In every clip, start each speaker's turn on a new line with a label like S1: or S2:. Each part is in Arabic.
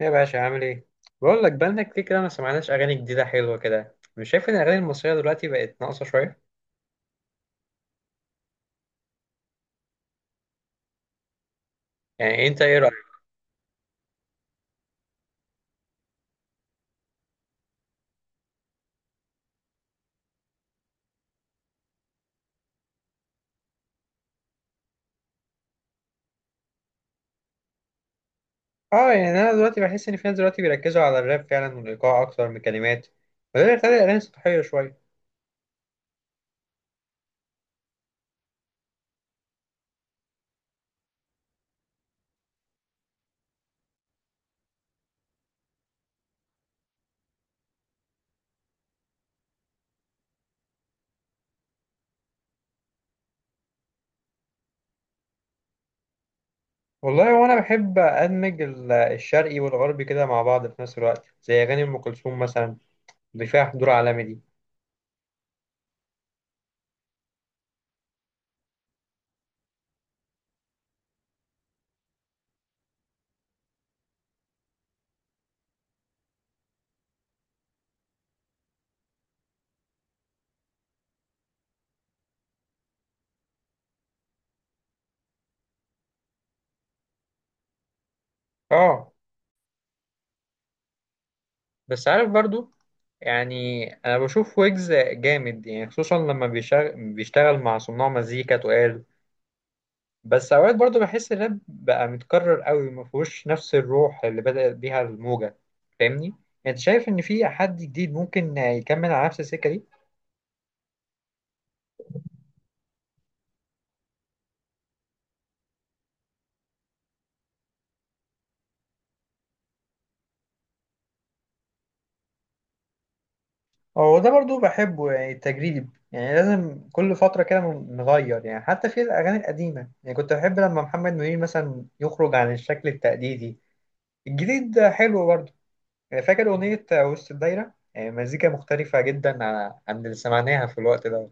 S1: ايه يا باشا عامل ايه؟ بقول لك بقالنا كتير كده ما سمعناش اغاني جديده حلوه كده. مش شايف ان الاغاني المصريه دلوقتي بقت ناقصه شويه؟ يعني انت ايه رايك؟ اه يعني انا دلوقتي بحس ان في ناس دلوقتي بيركزوا على الراب فعلا والايقاع اكتر من الكلمات، وده اللي بيخلي الاغاني سطحيه شويه. والله وانا بحب ادمج الشرقي والغربي كده مع بعض في نفس الوقت، زي اغاني ام كلثوم مثلا، اللي فيها حضور عالمي دي. اه بس عارف برضو، يعني انا بشوف ويجز جامد يعني، خصوصا لما بيشتغل مع صناع مزيكا تقال. بس اوقات برضو بحس الراب بقى متكرر قوي، ما فيهوش نفس الروح اللي بدأت بيها الموجة. فاهمني يعني؟ انت شايف ان في حد جديد ممكن يكمل على نفس السكة دي؟ هو ده برضو بحبه يعني، التجريب يعني لازم كل فترة كده نغير. يعني حتى في الأغاني القديمة، يعني كنت بحب لما محمد منير مثلا يخرج عن الشكل التقليدي. الجديد حلو برضو، يعني فاكر أغنية وسط الدايرة؟ يعني مزيكا مختلفة جدا عن اللي سمعناها في الوقت ده.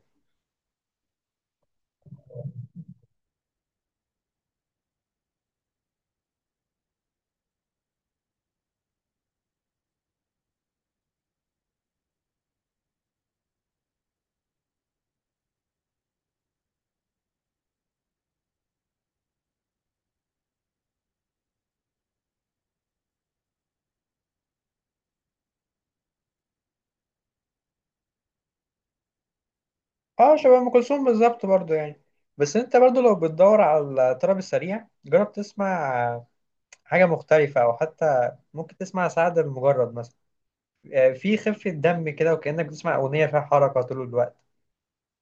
S1: اه شبه ام كلثوم بالظبط برضو يعني. بس انت برضو لو بتدور على الطرب السريع، جرب تسمع حاجه مختلفه، او حتى ممكن تسمع سعد المجرد مثلا. آه، في خفه دم كده، وكانك بتسمع اغنيه فيها حركه طول الوقت.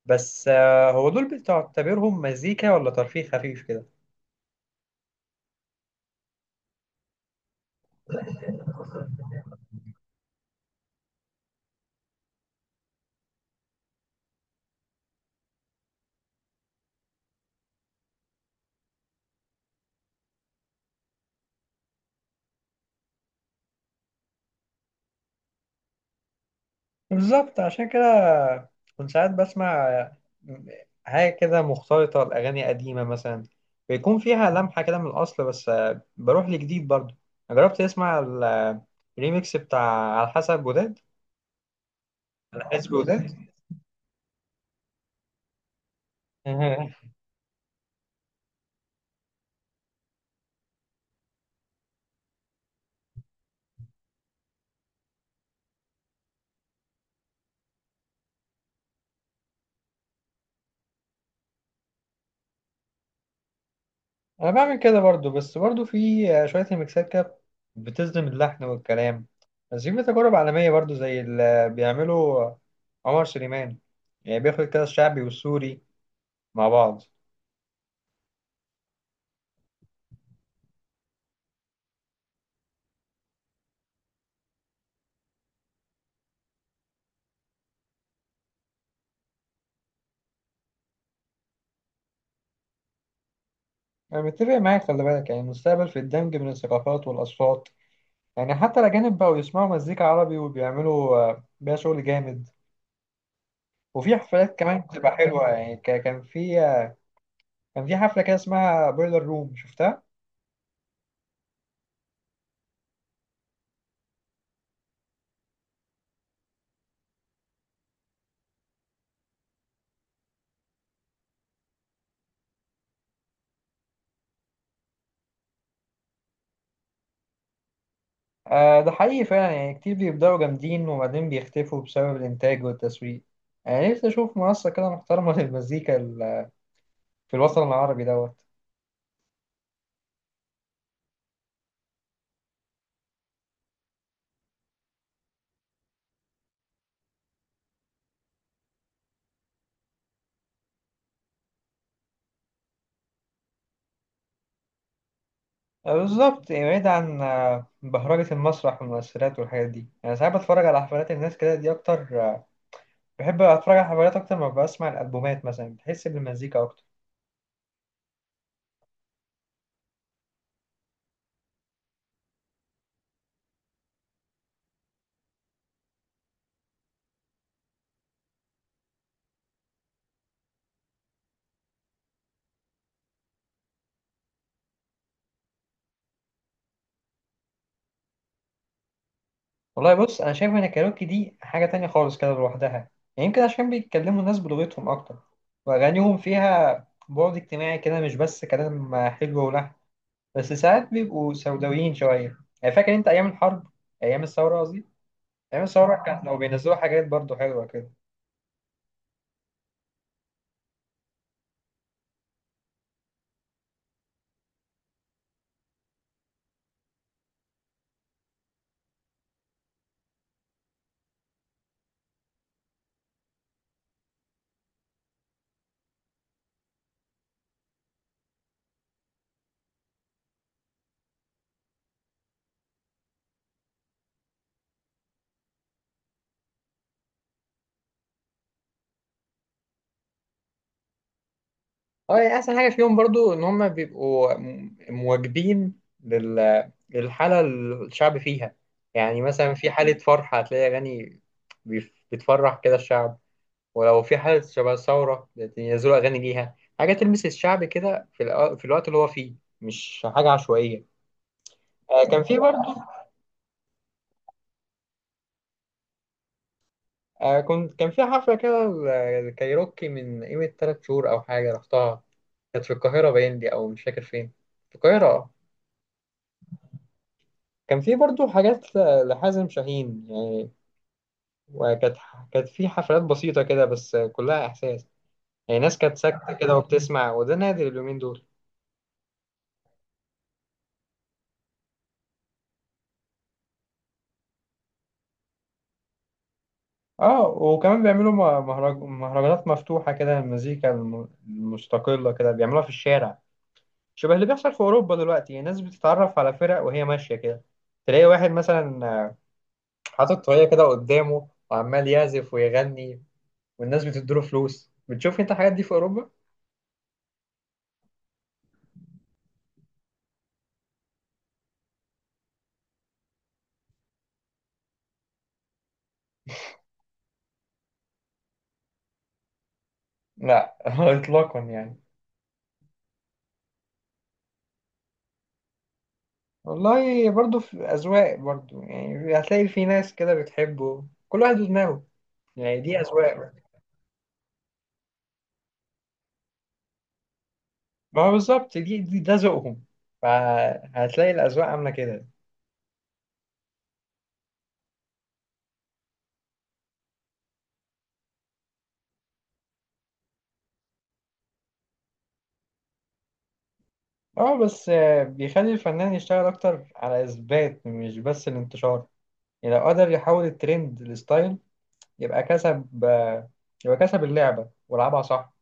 S1: بس هو دول بتعتبرهم مزيكا ولا ترفيه خفيف كده؟ بالظبط، عشان كده كنت ساعات بسمع حاجة كده مختلطة لأغاني قديمة مثلا، بيكون فيها لمحة كده من الأصل، بس بروح لجديد برضو. جربت تسمع الريميكس بتاع على حسب وداد؟ على حسب وداد. أنا بعمل كده برضو، بس برضو في شوية ريميكسات كده بتصدم اللحن والكلام. بس في تجارب عالمية برضو، زي اللي بيعمله عمر سليمان. يعني بياخد كده الشعبي والسوري مع بعض. أنا متفق معاك، خلي بالك يعني المستقبل في الدمج من الثقافات والأصوات. يعني حتى الأجانب بقوا يسمعوا مزيكا عربي، وبيعملوا بيها شغل جامد. وفي حفلات كمان بتبقى حلوة يعني. كان في حفلة كده اسمها بويلر روم، شفتها؟ آه ده حقيقي فعلا، يعني كتير بيبدأوا جامدين وبعدين بيختفوا بسبب الإنتاج والتسويق. يعني نفسي أشوف منصة كده محترمة للمزيكا في الوطن العربي دوت. بالظبط يعني، بعيد عن بهرجة المسرح والمؤثرات والحاجات دي. يعني ساعات بتفرج على حفلات الناس كده دي أكتر، بحب اتفرج على حفلات اكتر ما بسمع الالبومات مثلا، بحس بالمزيكا اكتر. والله بص، انا شايف ان الكاريوكي دي حاجه تانية خالص كده لوحدها يعني، يمكن عشان بيتكلموا الناس بلغتهم اكتر، واغانيهم فيها بعد اجتماعي كده، مش بس كلام حلو ولحن. بس ساعات بيبقوا سوداويين شويه. يعني فاكر انت ايام الحرب، ايام الثوره قصدي؟ ايام الثوره كان لو بينزلوا حاجات برضو حلوه كده. اه يعني احسن حاجه فيهم برضو ان هم بيبقوا مواكبين لل... للحاله اللي الشعب فيها. يعني مثلا في حاله فرح هتلاقي اغاني بتفرح كده الشعب، ولو في حاله شبه ثوره ينزلوا اغاني ليها حاجه تلمس الشعب كده في الوقت اللي هو فيه، مش حاجه عشوائيه. آه كان في برضو. آه كان في حفله كده الكايروكي من قيمه 3 شهور او حاجه رحتها، كانت في القاهره باين دي، او مش فاكر فين، في القاهره آه. كان في برضو حاجات لحازم شاهين يعني، وكانت كانت في حفلات بسيطة كده، بس كلها إحساس. يعني ناس كانت ساكتة كده وبتسمع، وده نادر اليومين دول. اه وكمان بيعملوا مهرجانات مفتوحة كده، المزيكا المستقلة كده بيعملوها في الشارع، شبه اللي بيحصل في أوروبا دلوقتي. يعني الناس بتتعرف على فرق وهي ماشية كده، تلاقي واحد مثلا حاطط طريقة كده قدامه وعمال يعزف ويغني، والناس بتديله فلوس. بتشوف انت الحاجات دي في أوروبا؟ لا إطلاقا يعني. والله برضو في أذواق برضو، يعني هتلاقي في ناس كده بتحبه. كل واحد ودماغه يعني، دي أذواق. ما هو بالظبط، دي ده ذوقهم، فهتلاقي الأذواق عاملة كده. اه بس بيخلي الفنان يشتغل أكتر على إثبات، مش بس الانتشار. يعني لو قدر يحول الترند لستايل، يبقى كسب آه، يبقى كسب اللعبة ولعبها صح.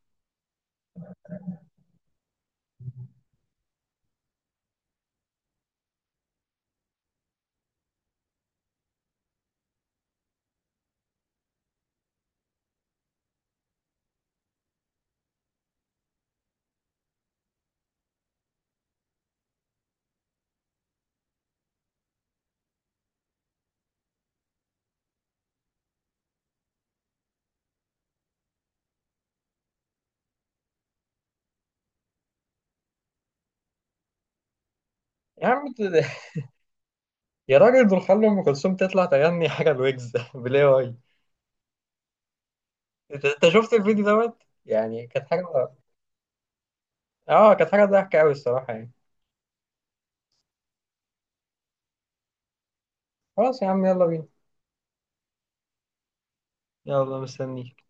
S1: يا عم انت- يا راجل، دول خلوا أم كلثوم تطلع تغني حاجة الويجز بالاي واي. أنت شفت الفيديو دوت؟ يعني كانت حاجة. اه كانت حاجة ضحكة أوي الصراحة يعني. خلاص يا عم، يلا بينا. يلا مستنيك.